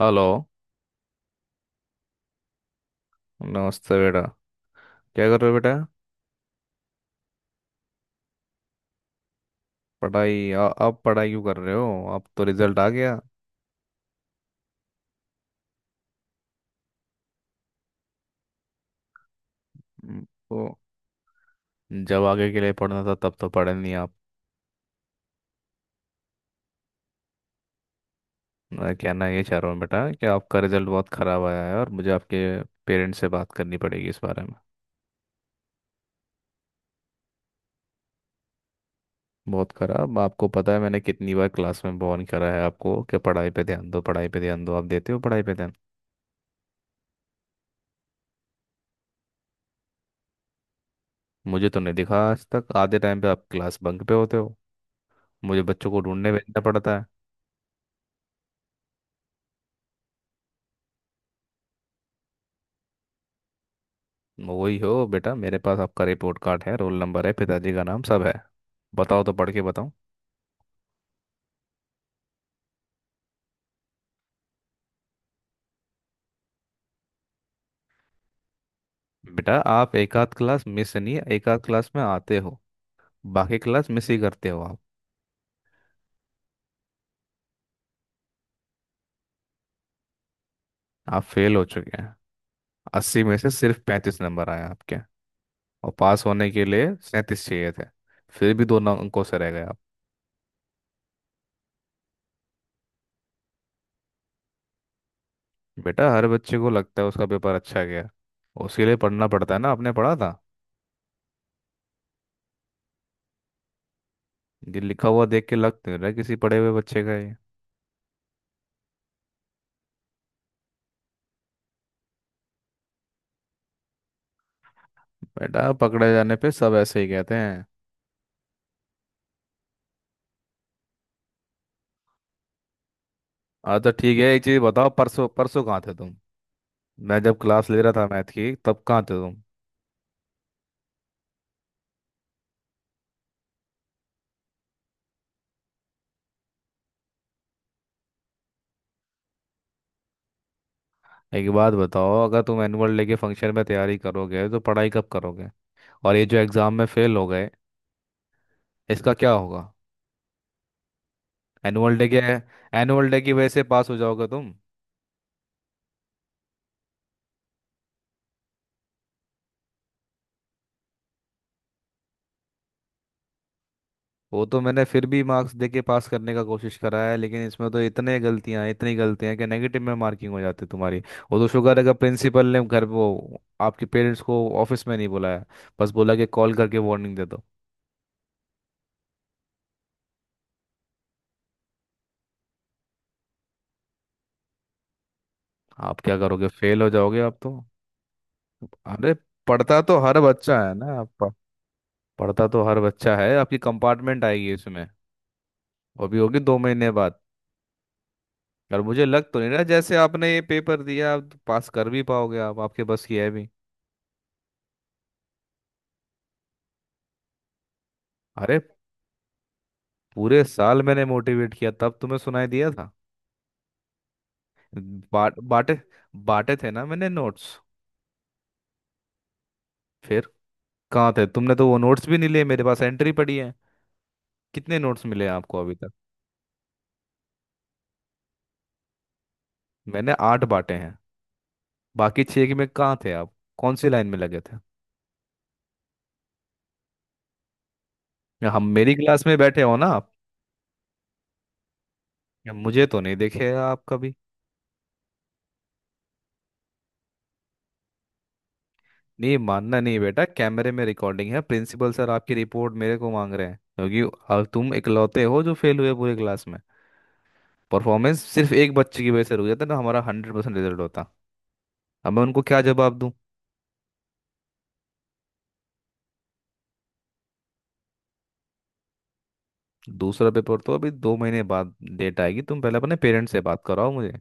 Hello. नमस्ते बेटा। क्या कर रहे हो बेटा? पढ़ाई अब पढ़ाई क्यों कर रहे हो? अब तो रिजल्ट आ गया। तो जब आगे के लिए पढ़ना था तब तो पढ़े नहीं आप। मैं कहना ये चाह रहा हूँ बेटा कि आपका रिजल्ट बहुत ख़राब आया है और मुझे आपके पेरेंट्स से बात करनी पड़ेगी इस बारे में। बहुत ख़राब। आपको पता है मैंने कितनी बार क्लास में वार्न करा है आपको कि पढ़ाई पे ध्यान दो, पढ़ाई पे ध्यान दो? आप देते हो पढ़ाई पे ध्यान? मुझे तो नहीं दिखा। आज तक आधे टाइम पे आप क्लास बंक पे होते हो, मुझे बच्चों को ढूंढने भेजना पड़ता है। वही हो बेटा, मेरे पास आपका रिपोर्ट कार्ड है, रोल नंबर है, पिताजी का नाम सब है। बताओ तो, पढ़ के बताओ। बेटा आप एक आध क्लास मिस नहीं, एक आध क्लास में आते हो, बाकी क्लास मिस ही करते हो आप। आप फेल हो चुके हैं। 80 में से सिर्फ 35 नंबर आए आपके, और पास होने के लिए 37 चाहिए थे। फिर भी 2 अंकों से रह गए आप। बेटा हर बच्चे को लगता है उसका पेपर अच्छा गया। उसके लिए पढ़ना पड़ता है ना, आपने पढ़ा था? ये लिखा हुआ देख के लग तो नहीं रहा किसी पढ़े हुए बच्चे का ये। बेटा पकड़े जाने पे सब ऐसे ही कहते हैं। हाँ तो ठीक है, एक चीज बताओ, परसों परसों कहाँ थे तुम? मैं जब क्लास ले रहा था मैथ की, तब कहाँ थे तुम? एक बात बताओ, अगर तुम एनुअल डे के फंक्शन में तैयारी करोगे तो पढ़ाई कब करोगे? और ये जो एग्जाम में फेल हो गए, इसका क्या होगा? एनुअल डे के, एनुअल डे की वजह से पास हो जाओगे तुम? वो तो मैंने फिर भी मार्क्स दे के पास करने का कोशिश करा है, लेकिन इसमें तो इतने गलतियां, इतनी गलतियां कि नेगेटिव में मार्किंग हो जाती है तुम्हारी। वो तो शुक्र है कि प्रिंसिपल ने घर वो आपके पेरेंट्स को ऑफिस में नहीं बुलाया, बस बोला कि कॉल करके वार्निंग दे दो। आप क्या करोगे? फेल हो जाओगे आप तो। अरे पढ़ता तो हर बच्चा है ना। पढ़ता तो हर बच्चा है। आपकी कंपार्टमेंट आएगी इसमें, वो भी होगी 2 महीने बाद। और मुझे लग तो नहीं रहा जैसे आपने ये पेपर दिया आप तो पास कर भी पाओगे, आप आपके बस की है भी? अरे, पूरे साल मैंने मोटिवेट किया तब तुम्हें सुनाई दिया था? बाट बांटे बांटे थे ना मैंने नोट्स? फिर कहाँ थे? तुमने तो वो नोट्स भी नहीं लिए, मेरे पास एंट्री पड़ी है। कितने नोट्स मिले हैं आपको अभी तक? मैंने 8 बांटे। बाकी 6 के में कहाँ थे आप, कौन सी लाइन में लगे थे? या हम, मेरी क्लास में बैठे हो ना आप? या मुझे तो नहीं देखे आप कभी? नहीं मानना। नहीं बेटा, कैमरे में रिकॉर्डिंग है, प्रिंसिपल सर आपकी रिपोर्ट मेरे को मांग रहे हैं। क्योंकि अब तुम इकलौते हो जो फेल हुए पूरी क्लास में। परफॉर्मेंस सिर्फ एक बच्चे की वजह से रुक जाता, ना हमारा 100% रिजल्ट होता। अब मैं उनको क्या जवाब दूं? दूसरा पेपर तो अभी 2 महीने बाद डेट आएगी। तुम पहले अपने पेरेंट्स से बात कराओ मुझे,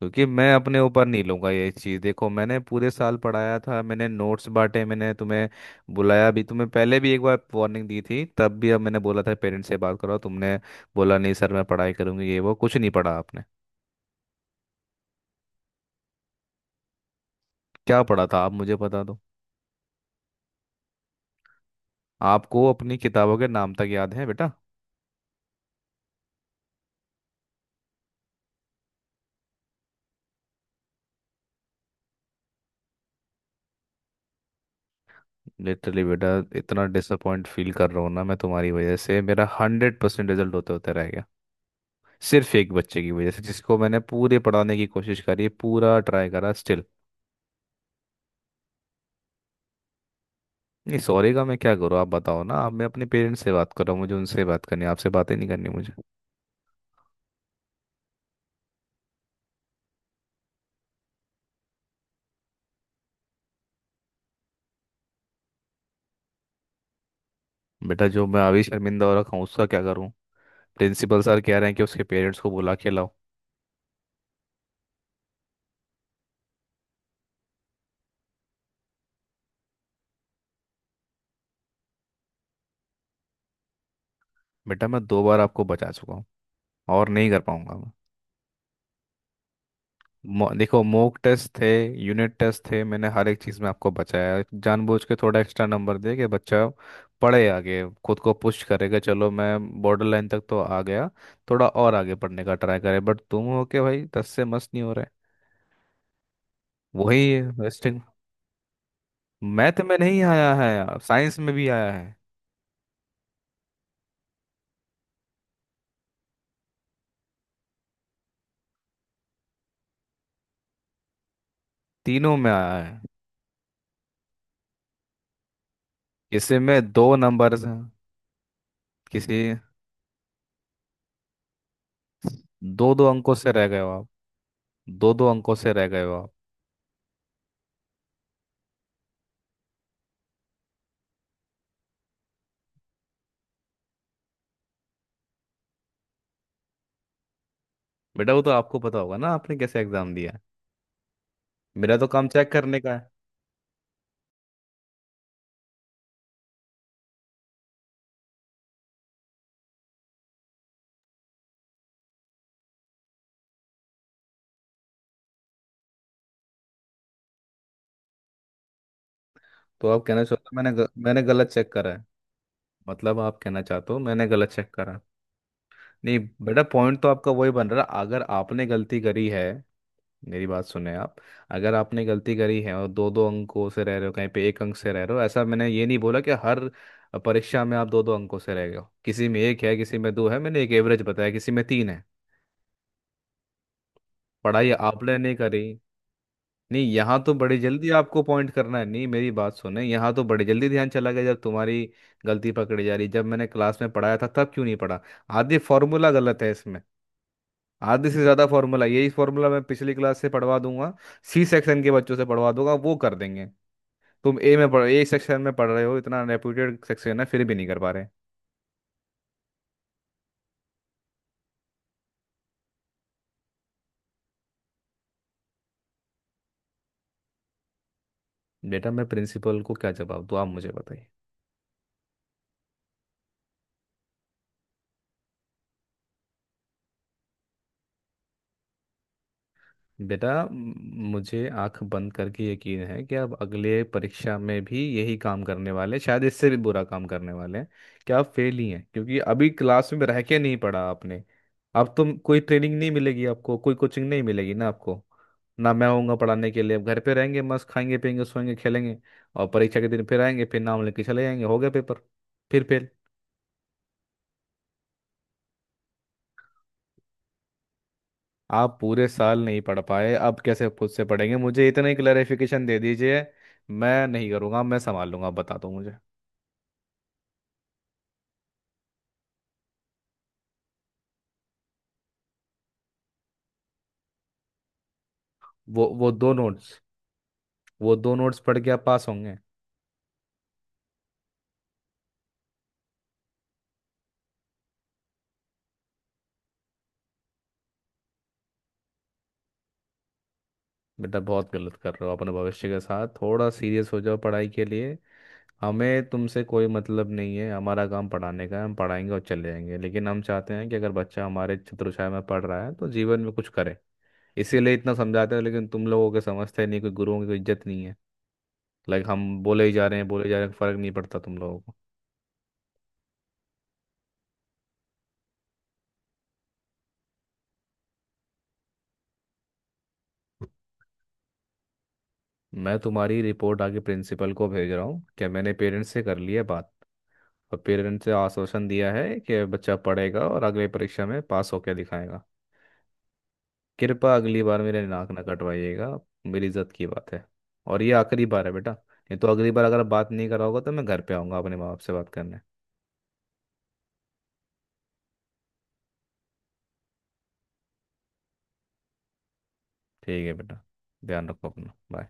क्योंकि मैं अपने ऊपर नहीं लूंगा ये चीज़। देखो, मैंने पूरे साल पढ़ाया था, मैंने नोट्स बांटे, मैंने तुम्हें बुलाया भी तुम्हें, पहले भी एक बार वार्निंग दी थी तब भी, अब मैंने बोला था पेरेंट्स से बात करो, तुमने बोला नहीं सर मैं पढ़ाई करूंगी ये वो, कुछ नहीं पढ़ा आपने। क्या पढ़ा था आप मुझे बता दो? आपको अपनी किताबों के नाम तक याद है बेटा? लिटरली बेटा, इतना डिसअपॉइंट फील कर रहा हूँ ना मैं तुम्हारी वजह से, मेरा 100% रिजल्ट होते होते रह गया, सिर्फ एक बच्चे की वजह से जिसको मैंने पूरे पढ़ाने की कोशिश करी, पूरा ट्राई करा स्टिल। नहीं, सॉरी का मैं क्या करूँ? आप बताओ ना आप, मैं अपने पेरेंट्स से बात कर रहा हूँ, मुझे उनसे बात करनी है, आपसे बातें नहीं करनी मुझे। बेटा जो मैं अभी शर्मिंदा हो रखा हूँ उसका क्या करूँ? प्रिंसिपल सर कह रहे हैं कि उसके पेरेंट्स को बुला के लाओ। बेटा मैं 2 बार आपको बचा चुका हूँ, और नहीं कर पाऊंगा मैं। देखो, मॉक टेस्ट थे, यूनिट टेस्ट थे, मैंने हर एक चीज़ में आपको बचाया, जानबूझ के थोड़ा एक्स्ट्रा नंबर दे के, बच्चा पढ़े आगे, खुद को पुश करेगा, चलो मैं बॉर्डर लाइन तक तो आ गया, थोड़ा और आगे पढ़ने का ट्राई करे, बट तुम हो के भाई दस से मस्त नहीं हो रहे। वही। मैथ में नहीं आया है यार, साइंस में भी आया है। तीनों में आया है। किसी में 2 नंबर हैं, किसी दो दो अंकों से रह गए हो आप। दो दो अंकों से रह गए हो आप। बेटा वो तो आपको पता होगा ना आपने कैसे एग्जाम दिया है, मेरा तो काम चेक करने का है। तो आप कहना चाहते हो मैंने मैंने गलत चेक करा है? मतलब आप कहना चाहते हो मैंने गलत चेक करा? नहीं बेटा, पॉइंट तो आपका वही बन रहा है, अगर आपने गलती करी है, मेरी बात सुने आप, अगर आपने गलती करी है और दो दो अंकों से रह रहे हो, कहीं पे एक अंक से रह रहे हो, ऐसा, मैंने ये नहीं बोला कि हर परीक्षा में आप दो दो अंकों से रह गए हो, किसी में एक है, किसी में दो है, मैंने एक एवरेज बताया, किसी में तीन है। पढ़ाई आपने नहीं करी। नहीं, यहाँ तो बड़ी जल्दी आपको पॉइंट करना है, नहीं मेरी बात सुने, यहाँ तो बड़ी जल्दी ध्यान चला गया जब तुम्हारी गलती पकड़ी जा रही, जब मैंने क्लास में पढ़ाया था तब क्यों नहीं पढ़ा? आधी फार्मूला गलत है इसमें, आधे से ज्यादा फार्मूला, यही फार्मूला मैं पिछली क्लास से पढ़वा दूंगा, सी सेक्शन के बच्चों से पढ़वा दूंगा, वो कर देंगे। तुम ए में पढ़, ए सेक्शन में पढ़ रहे हो, इतना रेप्यूटेड सेक्शन है, फिर भी नहीं कर पा रहे। बेटा मैं प्रिंसिपल को क्या जवाब दूँ? आप मुझे बताइए। बेटा मुझे आंख बंद करके यकीन है कि आप अगले परीक्षा में भी यही काम करने वाले हैं, शायद इससे भी बुरा काम करने वाले हैं, कि आप फेल ही हैं, क्योंकि अभी क्लास में रह के नहीं पढ़ा आपने। अब तो कोई ट्रेनिंग नहीं मिलेगी आपको, कोई कोचिंग नहीं मिलेगी ना आपको, ना मैं होऊंगा पढ़ाने के लिए। अब घर पे रहेंगे, मस्त खाएंगे पियेंगे सोएंगे खेलेंगे, और परीक्षा के दिन फिर आएंगे, फिर नाम लेके चले जाएंगे, हो गया पेपर, फिर फेल। आप पूरे साल नहीं पढ़ पाए, अब कैसे खुद से पढ़ेंगे, मुझे इतना ही क्लैरिफिकेशन दे दीजिए, मैं नहीं करूँगा, मैं संभाल लूंगा, आप बता दो मुझे। वो 2 नोट्स, वो दो नोट्स पढ़ के आप पास होंगे? बेटा बहुत गलत कर रहे हो अपने भविष्य के साथ, थोड़ा सीरियस हो जाओ पढ़ाई के लिए। हमें तुमसे कोई मतलब नहीं है, हमारा काम पढ़ाने का है, हम पढ़ाएंगे और चले जाएंगे, लेकिन हम चाहते हैं कि अगर बच्चा हमारे छत्रछाया में पढ़ रहा है तो जीवन में कुछ करे, इसीलिए इतना समझाते हैं, लेकिन तुम लोगों के समझते नहीं, कोई गुरुओं की कोई इज्जत नहीं है। लाइक, हम बोले ही जा रहे हैं, बोले जा रहे हैं, फर्क नहीं पड़ता तुम लोगों को। मैं तुम्हारी रिपोर्ट आगे प्रिंसिपल को भेज रहा हूँ कि मैंने पेरेंट्स से कर ली है बात, और पेरेंट्स से आश्वासन दिया है कि बच्चा पढ़ेगा और अगले परीक्षा में पास होकर दिखाएगा। कृपया अगली बार मेरे नाक ना कटवाइएगा, मेरी इज्जत की बात है। और ये आखिरी बार है बेटा, ये तो अगली बार अगर बात नहीं कराओगे तो मैं घर पे आऊँगा अपने माँ बाप से बात करने। ठीक है बेटा, ध्यान रखो अपना, बाय।